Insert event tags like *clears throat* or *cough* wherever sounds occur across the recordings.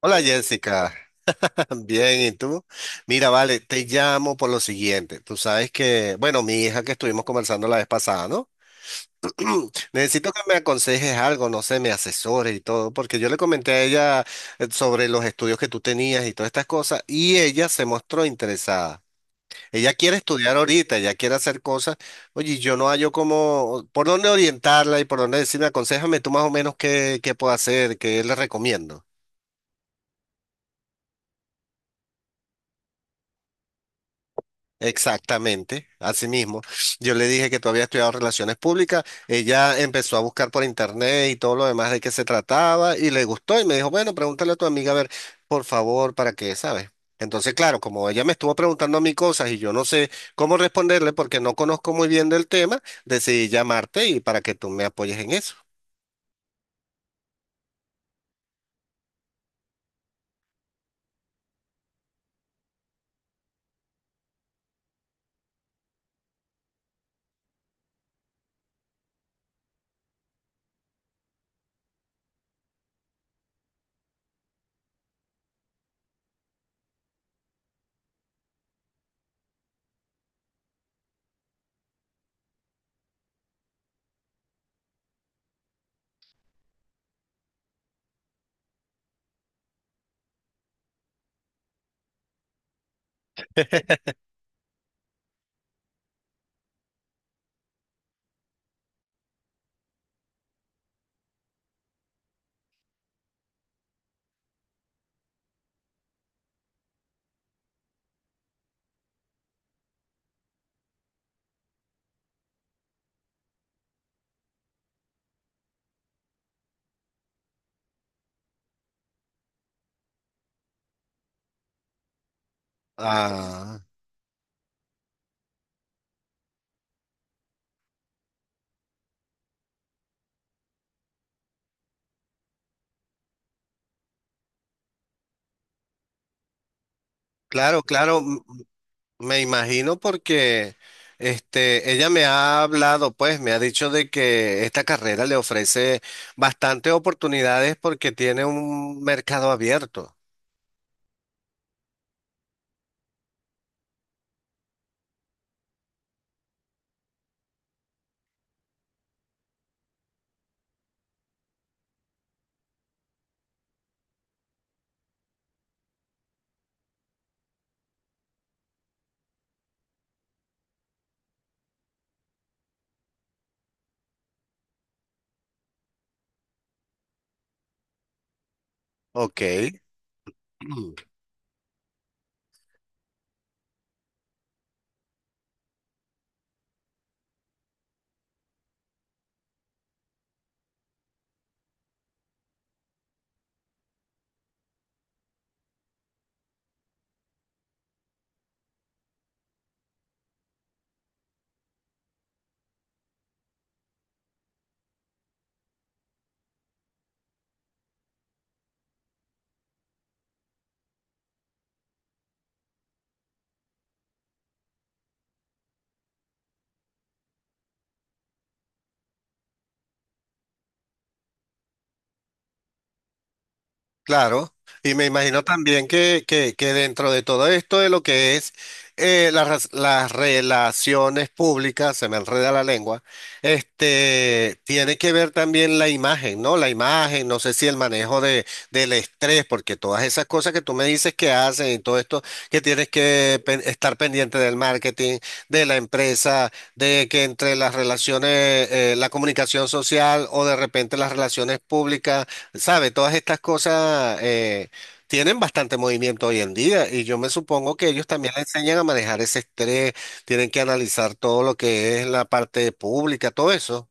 Hola Jessica, *laughs* bien, ¿y tú? Mira, vale, te llamo por lo siguiente. Tú sabes que, bueno, mi hija que estuvimos conversando la vez pasada, ¿no? Necesito que me aconsejes algo, no sé, me asesores y todo, porque yo le comenté a ella sobre los estudios que tú tenías y todas estas cosas, y ella se mostró interesada. Ella quiere estudiar ahorita, ella quiere hacer cosas. Oye, y yo no hallo cómo, por dónde orientarla y por dónde decirme, aconséjame tú más o menos qué puedo hacer, qué le recomiendo. Exactamente, así mismo. Yo le dije que tú habías estudiado relaciones públicas, ella empezó a buscar por internet y todo lo demás de qué se trataba y le gustó y me dijo, bueno, pregúntale a tu amiga a ver, por favor, para qué, ¿sabes? Entonces, claro, como ella me estuvo preguntando a mí cosas y yo no sé cómo responderle porque no conozco muy bien del tema, decidí llamarte y para que tú me apoyes en eso. Ah, claro, claro. Me imagino porque este, ella me ha hablado, pues me ha dicho de que esta carrera le ofrece bastantes oportunidades porque tiene un mercado abierto. Ok. *clears throat* Claro, y me imagino también que dentro de todo esto de lo que es las relaciones públicas, se me enreda la lengua, este, tiene que ver también la imagen, ¿no? La imagen, no sé si el manejo de, del estrés, porque todas esas cosas que tú me dices que hacen y todo esto, que tienes que estar pendiente del marketing, de la empresa, de que entre las relaciones, la comunicación social o de repente las relaciones públicas. Sabe, todas estas cosas tienen bastante movimiento hoy en día y yo me supongo que ellos también le enseñan a manejar ese estrés, tienen que analizar todo lo que es la parte pública, todo eso.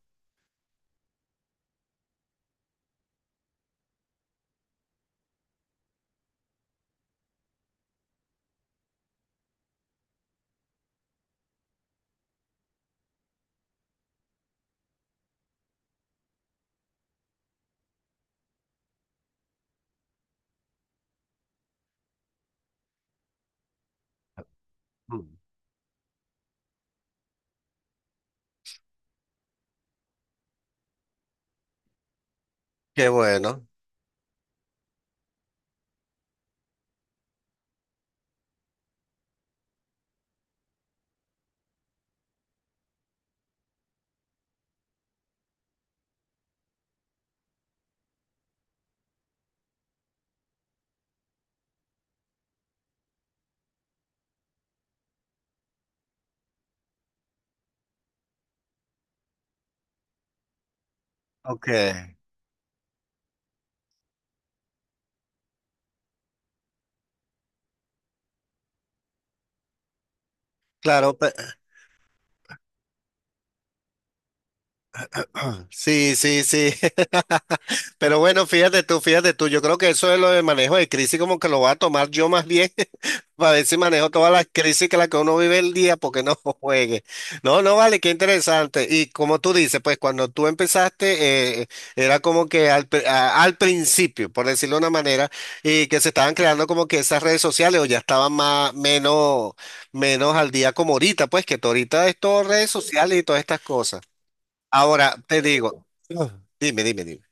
Qué bueno. Ok. Claro, pe- *clears throat* Sí, sí, sí. *laughs* Pero bueno, fíjate tú, fíjate tú. Yo creo que eso de lo de manejo de crisis como que lo voy a tomar yo más bien *laughs* para ver si manejo todas las crisis que las que uno vive el día porque no *laughs* juegue. No, no, vale, qué interesante. Y como tú dices, pues cuando tú empezaste era como que al principio, por decirlo de una manera, y que se estaban creando como que esas redes sociales o ya estaban más, menos, menos al día como ahorita, pues que tú ahorita es todo redes sociales y todas estas cosas. Ahora te digo, dime, dime, dime.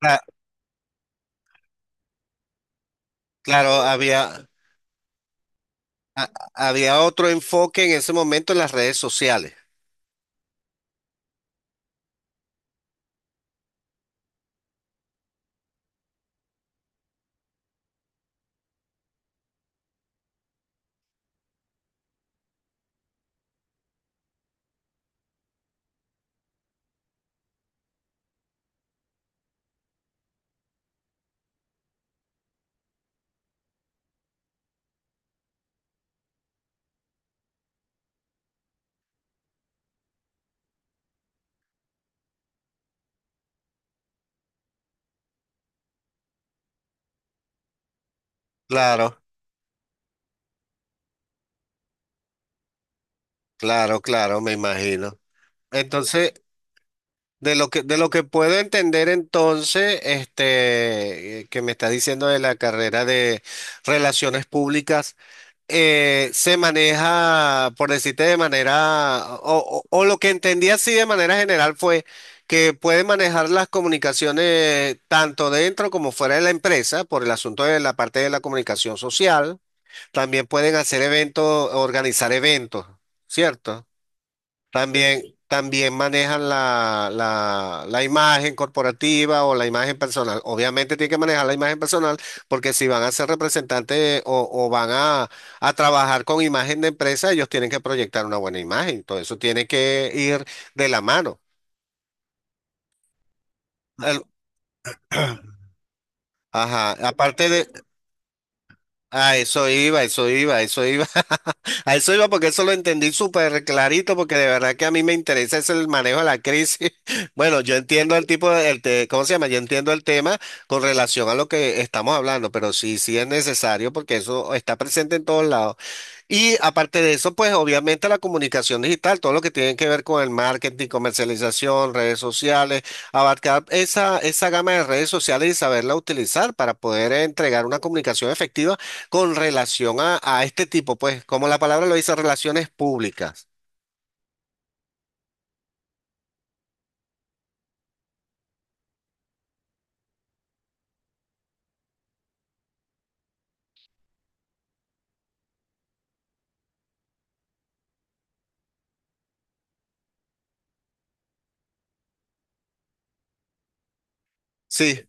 Cla- Claro, había otro enfoque en ese momento en las redes sociales. Claro, claro, claro, me imagino. Entonces, de lo que puedo entender entonces, este, que me está diciendo de la carrera de relaciones públicas. Eh, se maneja, por decirte de manera, o lo que entendí así de manera general fue que puede manejar las comunicaciones tanto dentro como fuera de la empresa por el asunto de la parte de la comunicación social. También pueden hacer eventos, organizar eventos, ¿cierto? También, también manejan la imagen corporativa o la imagen personal. Obviamente tienen que manejar la imagen personal porque si van a ser representantes a trabajar con imagen de empresa, ellos tienen que proyectar una buena imagen. Todo eso tiene que ir de la mano. El- ajá. Aparte de, ah, eso iba, eso iba, eso iba. *laughs* A eso iba porque eso lo entendí súper clarito porque de verdad que a mí me interesa es el manejo de la crisis. *laughs* Bueno, yo entiendo el tipo de, el te- ¿cómo se llama? Yo entiendo el tema con relación a lo que estamos hablando, pero sí, sí es necesario porque eso está presente en todos lados. Y aparte de eso, pues obviamente la comunicación digital, todo lo que tiene que ver con el marketing, comercialización, redes sociales, abarcar esa gama de redes sociales y saberla utilizar para poder entregar una comunicación efectiva con relación a este tipo, pues, como la palabra lo dice, relaciones públicas. Sí,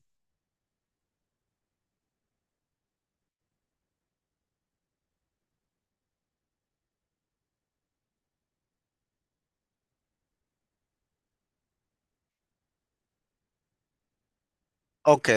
ok.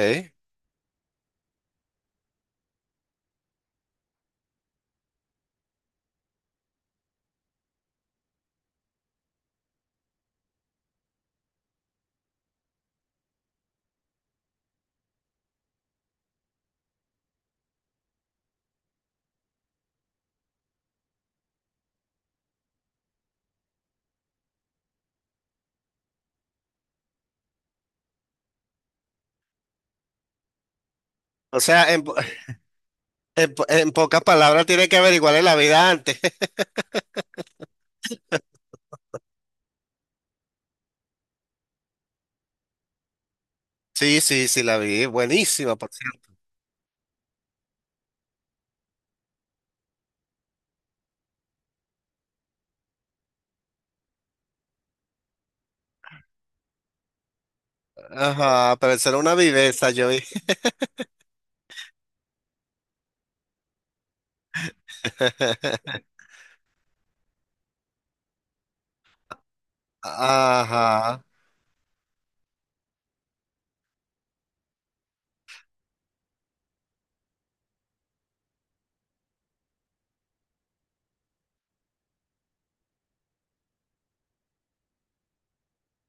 O sea, en, po- *laughs* en pocas palabras tiene que averiguarle la vida antes. *laughs* Sí, sí, sí, la vi. Buenísima, por cierto. Ajá, pero eso era una viveza, yo vi. *laughs* Ajá,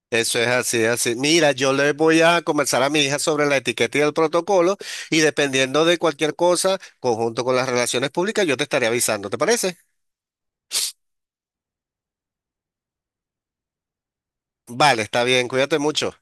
eso es así, así. Mira, yo le voy a conversar a mi hija sobre la etiqueta y el protocolo y dependiendo de cualquier cosa, conjunto con las relaciones públicas, yo te estaré avisando, ¿te parece? Vale, está bien, cuídate mucho.